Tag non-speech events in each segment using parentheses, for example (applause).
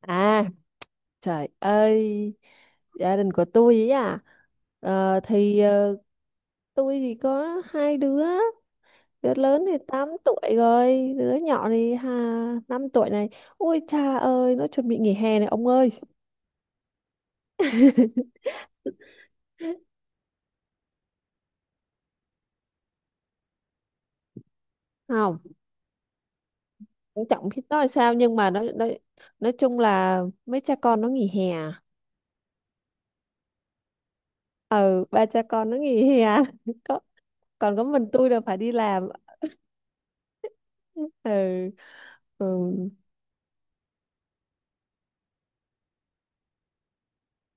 À, trời ơi, gia đình của tôi ấy à. Ờ, thì ờ, tôi thì có hai đứa, đứa lớn thì 8 tuổi rồi, đứa nhỏ thì 5 tuổi này. Ôi cha ơi, nó chuẩn bị nghỉ hè này ông ơi. Không, cũng chẳng biết nói sao nhưng mà nó nói chung là mấy cha con nó nghỉ hè. À? Ừ, ba cha con nó nghỉ hè. (laughs) Có, còn có mình tôi là phải đi làm. Ừ. Ừ.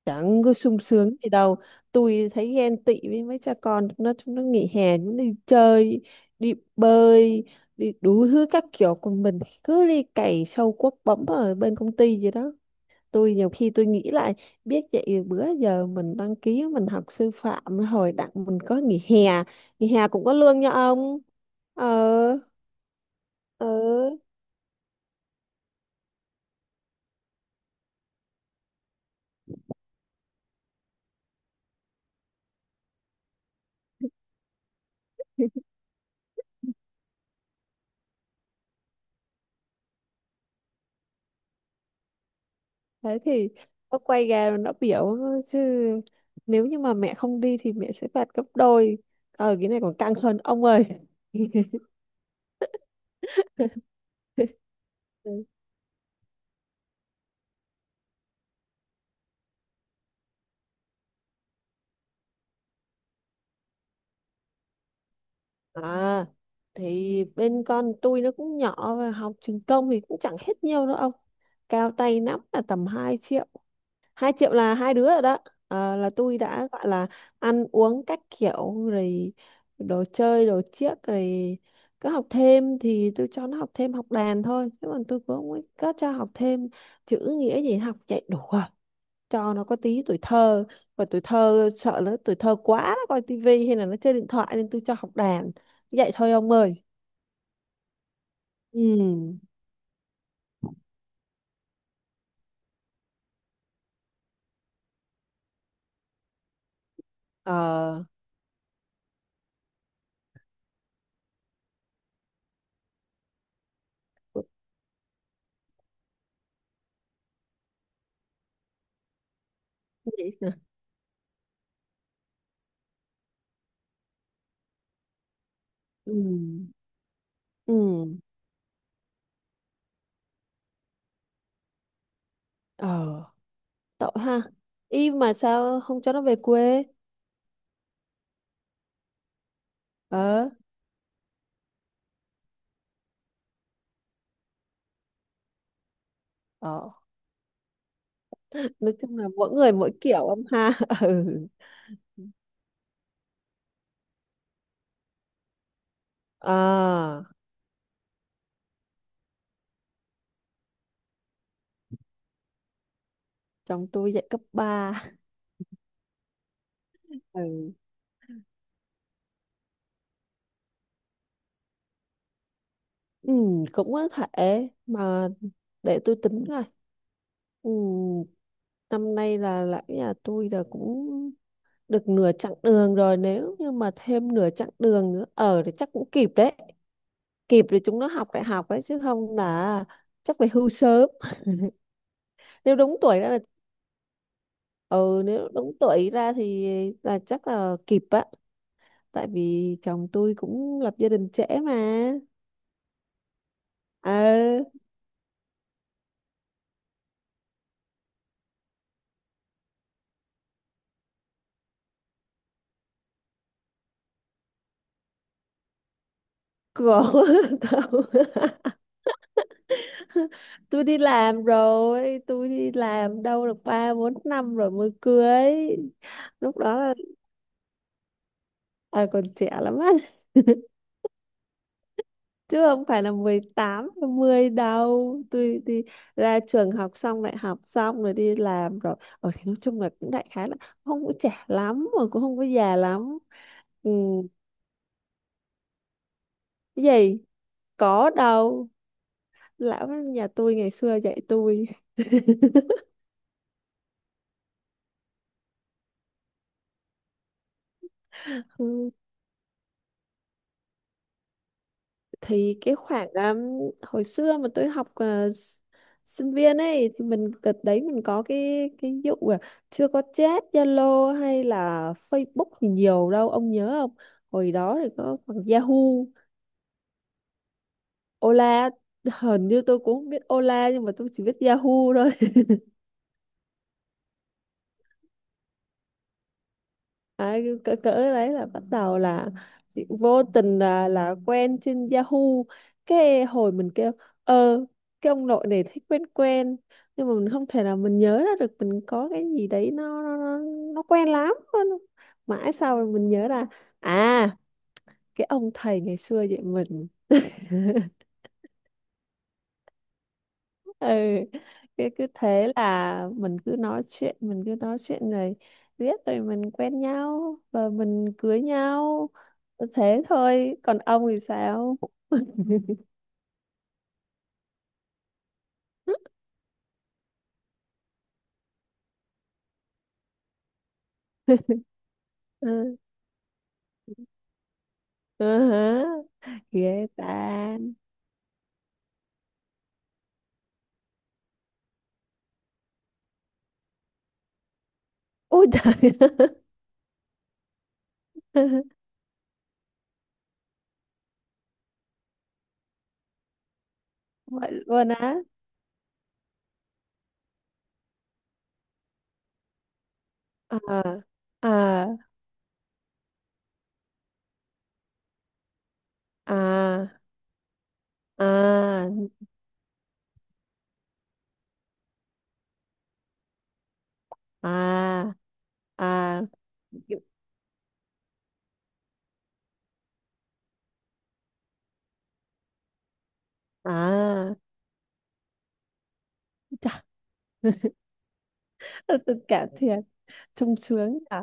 Chẳng có sung sướng gì đâu. Tôi thấy ghen tị với mấy cha con. Chúng nó nghỉ hè. Chúng nó đi chơi, đi bơi, đi đủ thứ các kiểu. Còn mình thì cứ đi cày sâu cuốc bấm ở bên công ty gì đó. Tôi nhiều khi tôi nghĩ lại, biết vậy bữa giờ mình đăng ký mình học sư phạm. Hồi đặng mình có nghỉ hè, nghỉ hè cũng có lương nha ông. Ờ. Ờ. Đấy thì nó quay ra nó biểu chứ, nếu như mà mẹ không đi thì mẹ sẽ phạt gấp đôi. Ờ, cái này còn căng hơn ông ơi. (laughs) À, thì bên con tôi nó cũng nhỏ và học trường công thì cũng chẳng hết nhiều đâu ông. Cao tay lắm là tầm 2 triệu. 2 triệu là hai đứa rồi đó. Ờ, là tôi đã gọi là ăn uống các kiểu rồi, đồ chơi đồ chiếc rồi. Cứ học thêm thì tôi cho nó học thêm học đàn thôi, chứ còn tôi cũng không có cho học thêm chữ nghĩa gì, học chạy đủ rồi. Cho nó có tí tuổi thơ. Và tuổi thơ sợ nó tuổi thơ quá nó coi tivi hay là nó chơi điện thoại nên tôi cho học đàn. Vậy thôi ông ơi. Ừ. Ờ. Vậy. Vậy hả? Ừ. Ừ ừ. Ờ, tội ha. Y mà sao không cho nó về quê. Ờ. Ờ. Nói chung là mỗi người mỗi kiểu ông ha. (laughs) Ừ. À, chồng tôi dạy cấp ba. Ừ. Ừ, cũng có thể mà, để tôi tính coi. Ừ, năm nay là lão nhà tôi là cũng được nửa chặng đường rồi, nếu như mà thêm nửa chặng đường nữa ở thì chắc cũng kịp đấy. Kịp để chúng nó học đại học đấy, chứ không là chắc phải hưu sớm. (laughs) Nếu đúng tuổi đó là, ừ nếu đúng tuổi ra thì là chắc là kịp á. Tại vì chồng tôi cũng lập gia đình trễ mà. ờ còn tao- (laughs) tôi đi làm rồi, tôi đi làm đâu được ba bốn năm rồi mới cưới. Lúc đó là, à, còn trẻ lắm á. (laughs) Chứ không phải là 18 mười đâu. Tôi đi ra trường học xong, đại học xong rồi đi làm rồi ở thì nói chung là cũng đại khái là không có trẻ lắm mà cũng không có già lắm. Ừ. Cái gì? Có đâu, lão nhà tôi ngày xưa dạy tôi. Ừ, thì cái khoảng hồi xưa mà tôi học sinh viên ấy thì mình đợt đấy mình có cái vụ là chưa có chat Zalo hay là Facebook thì nhiều đâu ông nhớ không. Hồi đó thì có khoảng Yahoo. Ola, hình như tôi cũng không biết Ola nhưng mà tôi chỉ biết Yahoo thôi. Đấy, cỡ đấy là bắt đầu là chị vô tình là quen trên Yahoo. Cái hồi mình kêu ờ cái ông nội này thấy quen quen, nhưng mà mình không thể nào mình nhớ ra được. Mình có cái gì đấy nó nó quen lắm. Mãi sau rồi mình nhớ ra, à cái ông thầy ngày xưa vậy mình. Ừ, cái cứ thế là mình cứ nói chuyện rồi biết rồi mình quen nhau và mình cưới nhau. Thế thôi, còn ông thì sao. (laughs) Ừ. Ừ hả. Ghê ta. Ôi trời. (laughs) Vậy luôn á. À à à à à à à. Chà, (laughs) tôi cảm thiệt. Sung sướng nhở.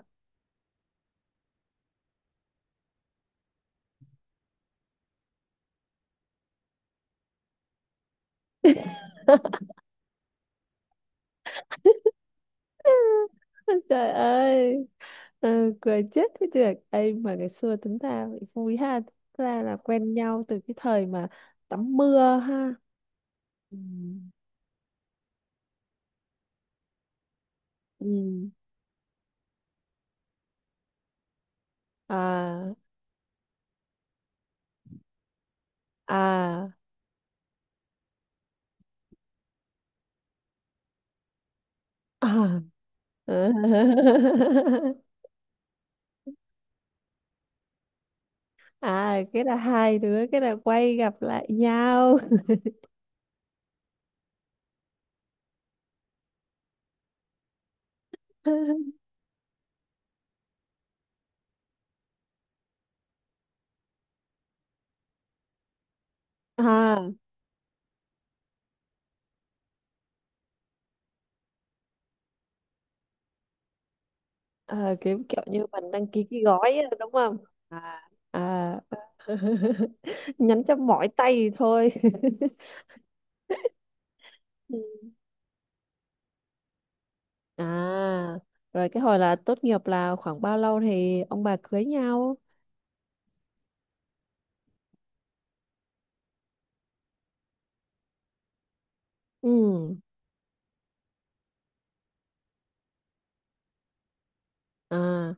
(laughs) (laughs) Trời ơi. Ừ, cười chết thế được. Ê mà ngày xưa tính ra vậy vui ha. Tính ra là quen nhau từ cái thời mà tắm mưa ha. Ừ. Ừ. À à à. (laughs) À, cái là hai đứa cái là quay gặp lại nhau. (laughs) À, à kiểu kiểu như mình đăng ký cái gói á, đúng không. À à. (laughs) Nhắn cho mỏi tay thì thôi. (laughs) Ừ. À, rồi cái hồi là tốt nghiệp là khoảng bao lâu thì ông bà cưới nhau? Ừ, à,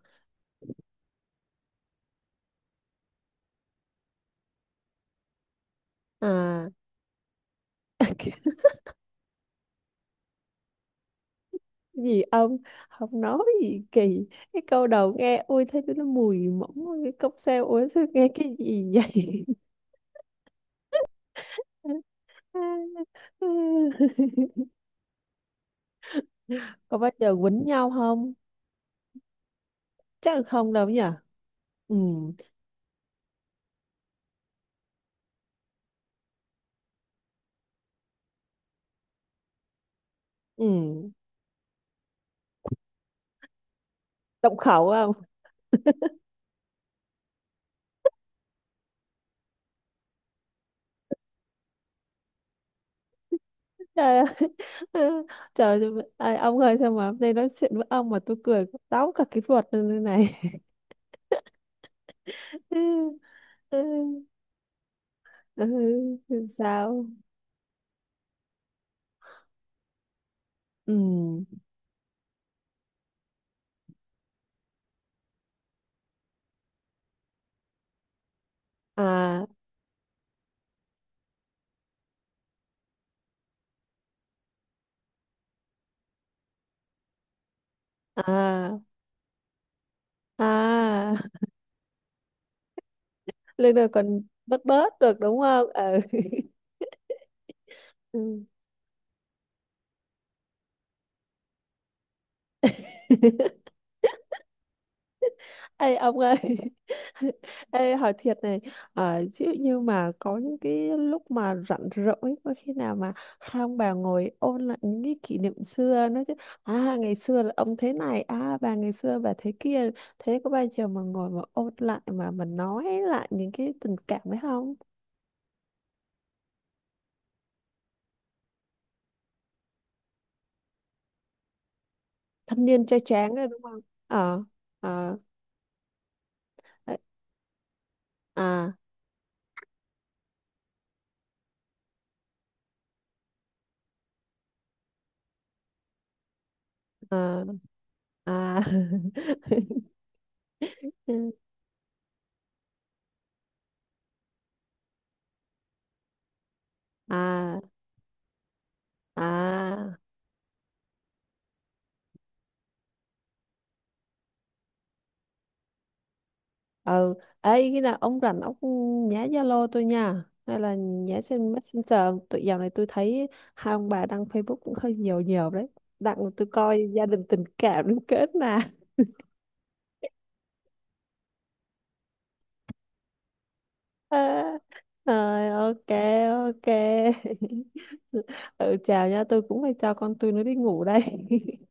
à, (laughs) cái gì ông, không nói gì kỳ. Cái câu đầu nghe ôi thấy nó mùi mỏng ôi, cái cốc xe ôi sao nghe cái gì vậy. (laughs) Có bao giờ quýnh nhau không? Chắc là không đâu nhỉ. Ừ ừ, động khẩu. Trời ơi. (laughs) Trời ơi, ông ơi sao mà hôm nay nói chuyện với ông mà tôi cười táo cả cái ruột lên như này. (laughs) Ừ, ừ, ừ, Sao? Ừ. À à à. Lên rồi còn bớt bớt được đúng không? Ừ. (laughs) Ừ. (laughs) Ê ông ơi. (laughs) Ê hỏi thiệt này. Ví dụ như mà có những cái lúc mà rảnh rỗi, có khi nào mà hai ông bà ngồi ôn lại những cái kỷ niệm xưa? Nói chứ à ngày xưa là ông thế này, à bà ngày xưa bà thế kia. Thế có bao giờ mà ngồi mà ôn lại, mà nói lại những cái tình cảm đấy không? Thanh niên trai tráng đấy đúng không. Ờ. Ờ. Ê. À. À. À. (laughs) (laughs) À. À. Ừ. Ấy khi nào ông rảnh, ông nhá Zalo tôi nha hay là nhá trên Messenger. Tụi dạo này tôi thấy hai ông bà đăng Facebook cũng hơi nhiều nhiều đấy, đặng tôi coi gia đình tình cảm đến kết nè. (laughs) Rồi ok. Ok. (laughs) Ừ chào nha, tôi cũng phải cho con tôi nó đi ngủ đây. (laughs)